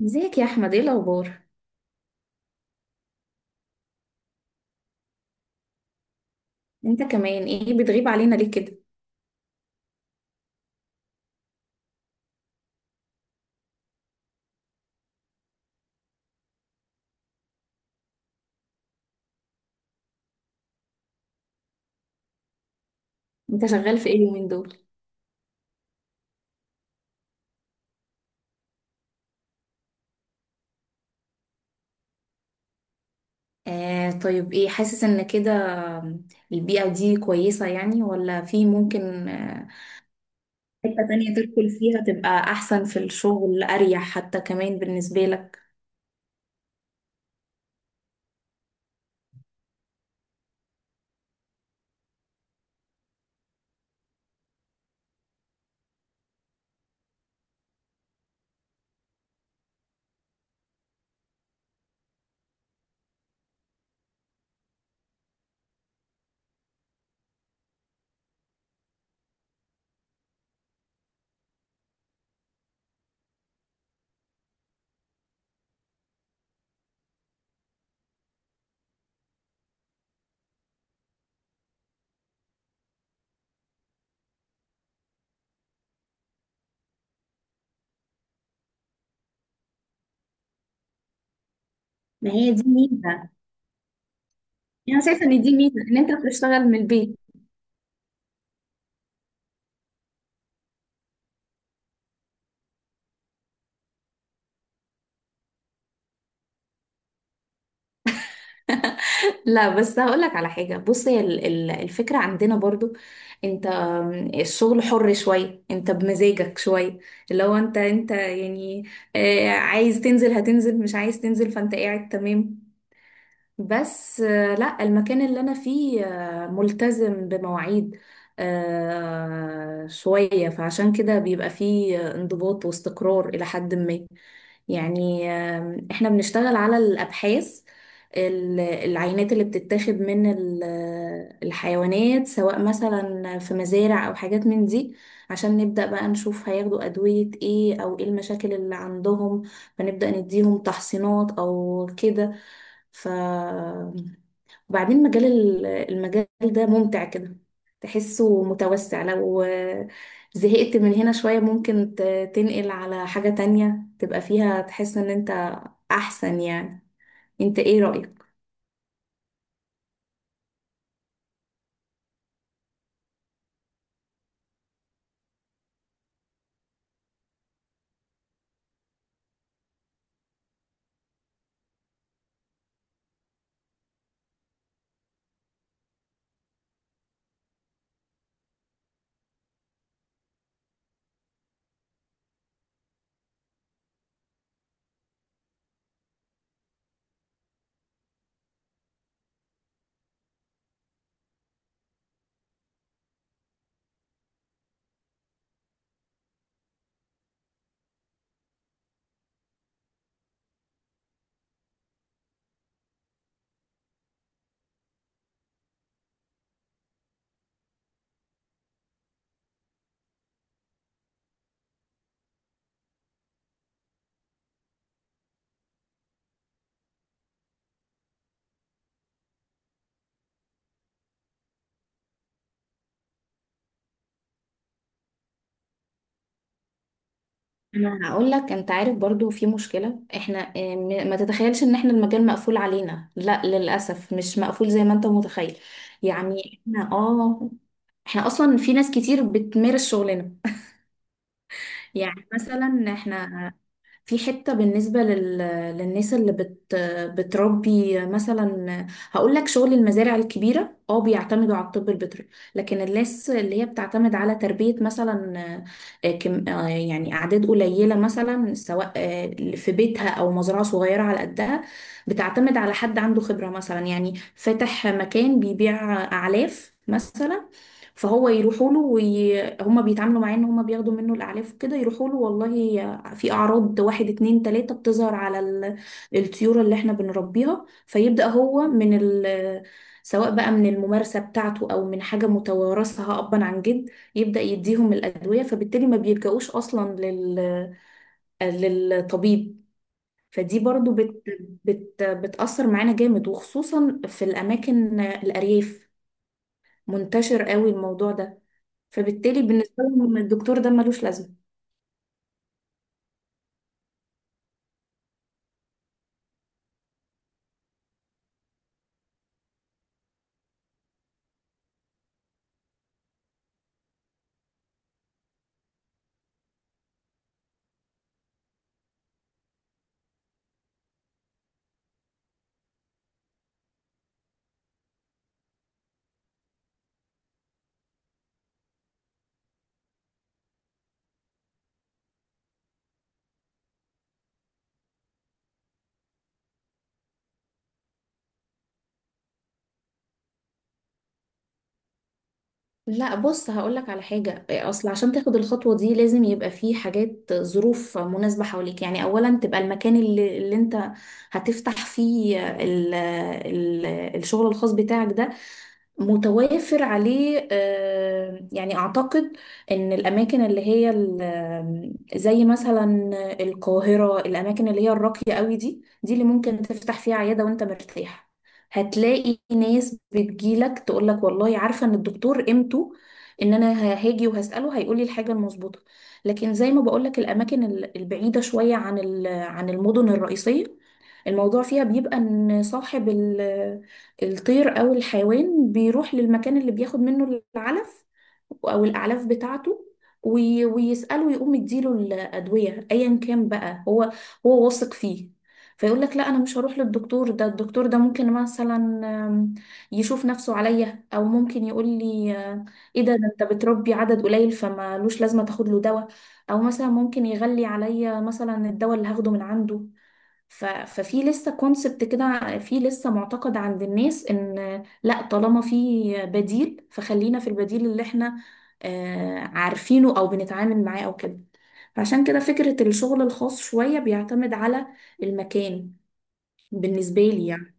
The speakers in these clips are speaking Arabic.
ازيك يا احمد، ايه الاخبار؟ انت كمان ايه بتغيب علينا ليه كده؟ انت شغال في ايه اليومين دول؟ آه طيب، ايه حاسس ان كده البيئة دي كويسة يعني ولا في ممكن حتة تانية تدخل فيها تبقى احسن في الشغل، اريح حتى كمان بالنسبة لك؟ ما هي دي ميزة. يعني انا شايفة ان دي ميزة ان انت بتشتغل من البيت. لا بس هقولك على حاجة، بص، هي الفكرة عندنا برضو انت الشغل حر شوية، انت بمزاجك شوية، اللي هو انت يعني عايز تنزل هتنزل، مش عايز تنزل فانت قاعد تمام. بس لا، المكان اللي انا فيه ملتزم بمواعيد شوية، فعشان كده بيبقى فيه انضباط واستقرار إلى حد ما. يعني احنا بنشتغل على الأبحاث، العينات اللي بتتاخد من الحيوانات سواء مثلا في مزارع أو حاجات من دي، عشان نبدأ بقى نشوف هياخدوا أدوية ايه أو ايه المشاكل اللي عندهم، فنبدأ نديهم تحصينات أو كده. ف وبعدين مجال المجال ده ممتع كده، تحسه متوسع. لو زهقت من هنا شوية ممكن تنقل على حاجة تانية تبقى فيها تحس ان انت احسن يعني. انت ايه رأيك؟ انا هقول لك، انت عارف برضو في مشكلة احنا اه، ما تتخيلش ان احنا المجال مقفول علينا. لا للأسف مش مقفول زي ما انت متخيل. يعني احنا اه، احنا اصلا في ناس كتير بتمارس شغلنا. يعني مثلا احنا في حتة بالنسبة للناس اللي بتربي مثلا. هقول لك، شغل المزارع الكبيرة اه بيعتمدوا على الطب البيطري، لكن الناس اللي هي بتعتمد على تربية مثلا آه، كم... آه، يعني أعداد قليلة مثلا، سواء في بيتها أو مزرعة صغيرة على قدها، بتعتمد على حد عنده خبرة مثلا، يعني فاتح مكان بيبيع أعلاف مثلا، فهو يروحوا له هما بيتعاملوا معاه ان هما بياخدوا منه الاعلاف وكده. يروحوا له والله في أعراض واحد اتنين تلاتة بتظهر على الطيور اللي احنا بنربيها، فيبدأ هو من سواء بقى من الممارسة بتاعته أو من حاجة متوارثة أبا عن جد، يبدأ يديهم الأدوية، فبالتالي ما بيلجأوش أصلا للطبيب. فدي برضو بتأثر معانا جامد، وخصوصا في الأماكن الأرياف منتشر قوي الموضوع ده، فبالتالي بالنسبة لهم الدكتور ده ملوش لازمة. لا بص هقولك على حاجة، أصل عشان تاخد الخطوة دي لازم يبقى فيه حاجات ظروف مناسبة حواليك. يعني أولا تبقى المكان اللي أنت هتفتح فيه ال ال الشغل الخاص بتاعك ده متوافر عليه يعني أعتقد إن الأماكن اللي هي زي مثلا القاهرة، الأماكن اللي هي الراقية قوي، دي اللي ممكن تفتح فيها عيادة وأنت مرتاح. هتلاقي ناس بتجيلك تقولك والله عارفة إن الدكتور قيمته، إن أنا هاجي وهسأله هيقولي الحاجة المظبوطة. لكن زي ما بقولك الأماكن البعيدة شوية عن عن المدن الرئيسية، الموضوع فيها بيبقى إن صاحب الطير أو الحيوان بيروح للمكان اللي بياخد منه العلف أو الأعلاف بتاعته، ويسأله ويقوم يديله الأدوية أيا كان بقى هو هو واثق فيه. فيقول لك لا، أنا مش هروح للدكتور ده، الدكتور ده ممكن مثلا آم، يشوف نفسه عليا، أو ممكن يقول لي إيه ده، أنت بتربي عدد قليل فمالوش لازمة تاخد له دواء، أو مثلا ممكن يغلي عليا مثلا الدواء اللي هاخده من عنده. ففي لسه كونسبت كده، في لسه معتقد عند الناس ان لا طالما في بديل فخلينا في البديل اللي احنا عارفينه او بنتعامل معاه او كده. فعشان كده فكرة الشغل الخاص شوية بيعتمد على المكان، بالنسبة لي يعني.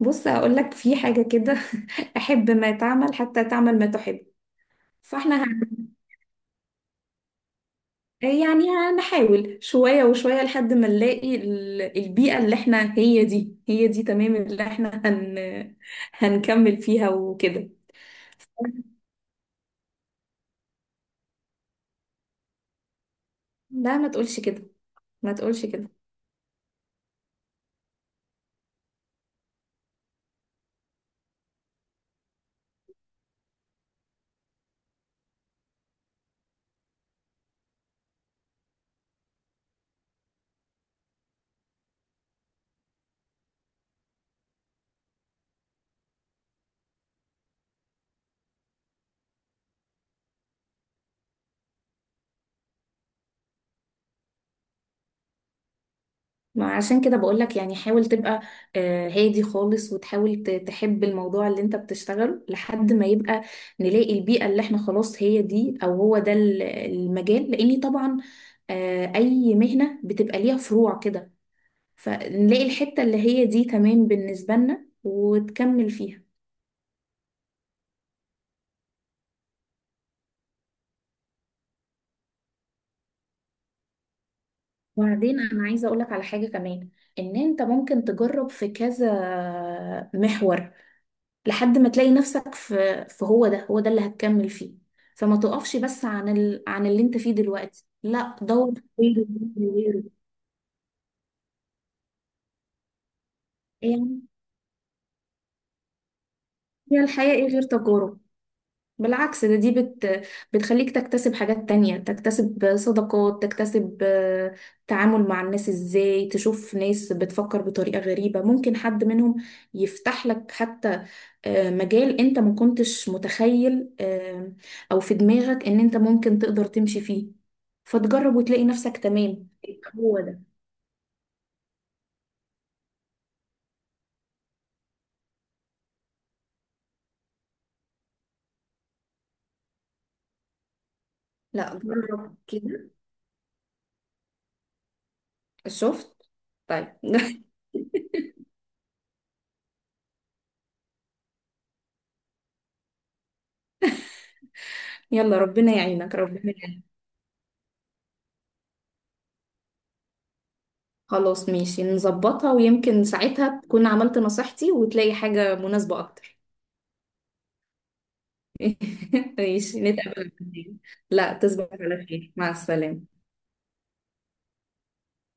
بص هقول لك في حاجة كده، احب ما تعمل حتى تعمل ما تحب. فاحنا يعني هنحاول شوية وشوية لحد ما نلاقي البيئة اللي احنا هي دي تمام اللي احنا هنكمل فيها وكده. لا ما تقولش كده، ما تقولش كده. ما عشان كده بقولك، يعني حاول تبقى هادي خالص، وتحاول تحب الموضوع اللي انت بتشتغله لحد ما يبقى نلاقي البيئة اللي احنا خلاص هي دي، او هو ده المجال. لاني طبعا اي مهنة بتبقى ليها فروع كده، فنلاقي الحتة اللي هي دي تمام بالنسبة لنا وتكمل فيها. وبعدين انا عايزة اقولك على حاجة كمان، ان انت ممكن تجرب في كذا محور لحد ما تلاقي نفسك في هو ده، اللي هتكمل فيه. فما تقفش بس عن عن اللي انت فيه دلوقتي، لا دور في غيره، دور في غيره. يعني هي الحياة ايه غير تجارب؟ بالعكس، ده دي بتخليك تكتسب حاجات تانية، تكتسب صداقات، تكتسب تعامل مع الناس ازاي، تشوف ناس بتفكر بطريقة غريبة، ممكن حد منهم يفتح لك حتى مجال انت ما كنتش متخيل او في دماغك ان انت ممكن تقدر تمشي فيه، فتجرب وتلاقي نفسك تمام. هو ده. لا جرب كده، شفت؟ طيب يلا ربنا يعينك، ربنا يعينك. خلاص ماشي، نظبطها، ويمكن ساعتها تكون عملت نصيحتي وتلاقي حاجة مناسبة أكتر. ماشي، نتقابل بعدين. لا تصبح على خير، مع السلامة.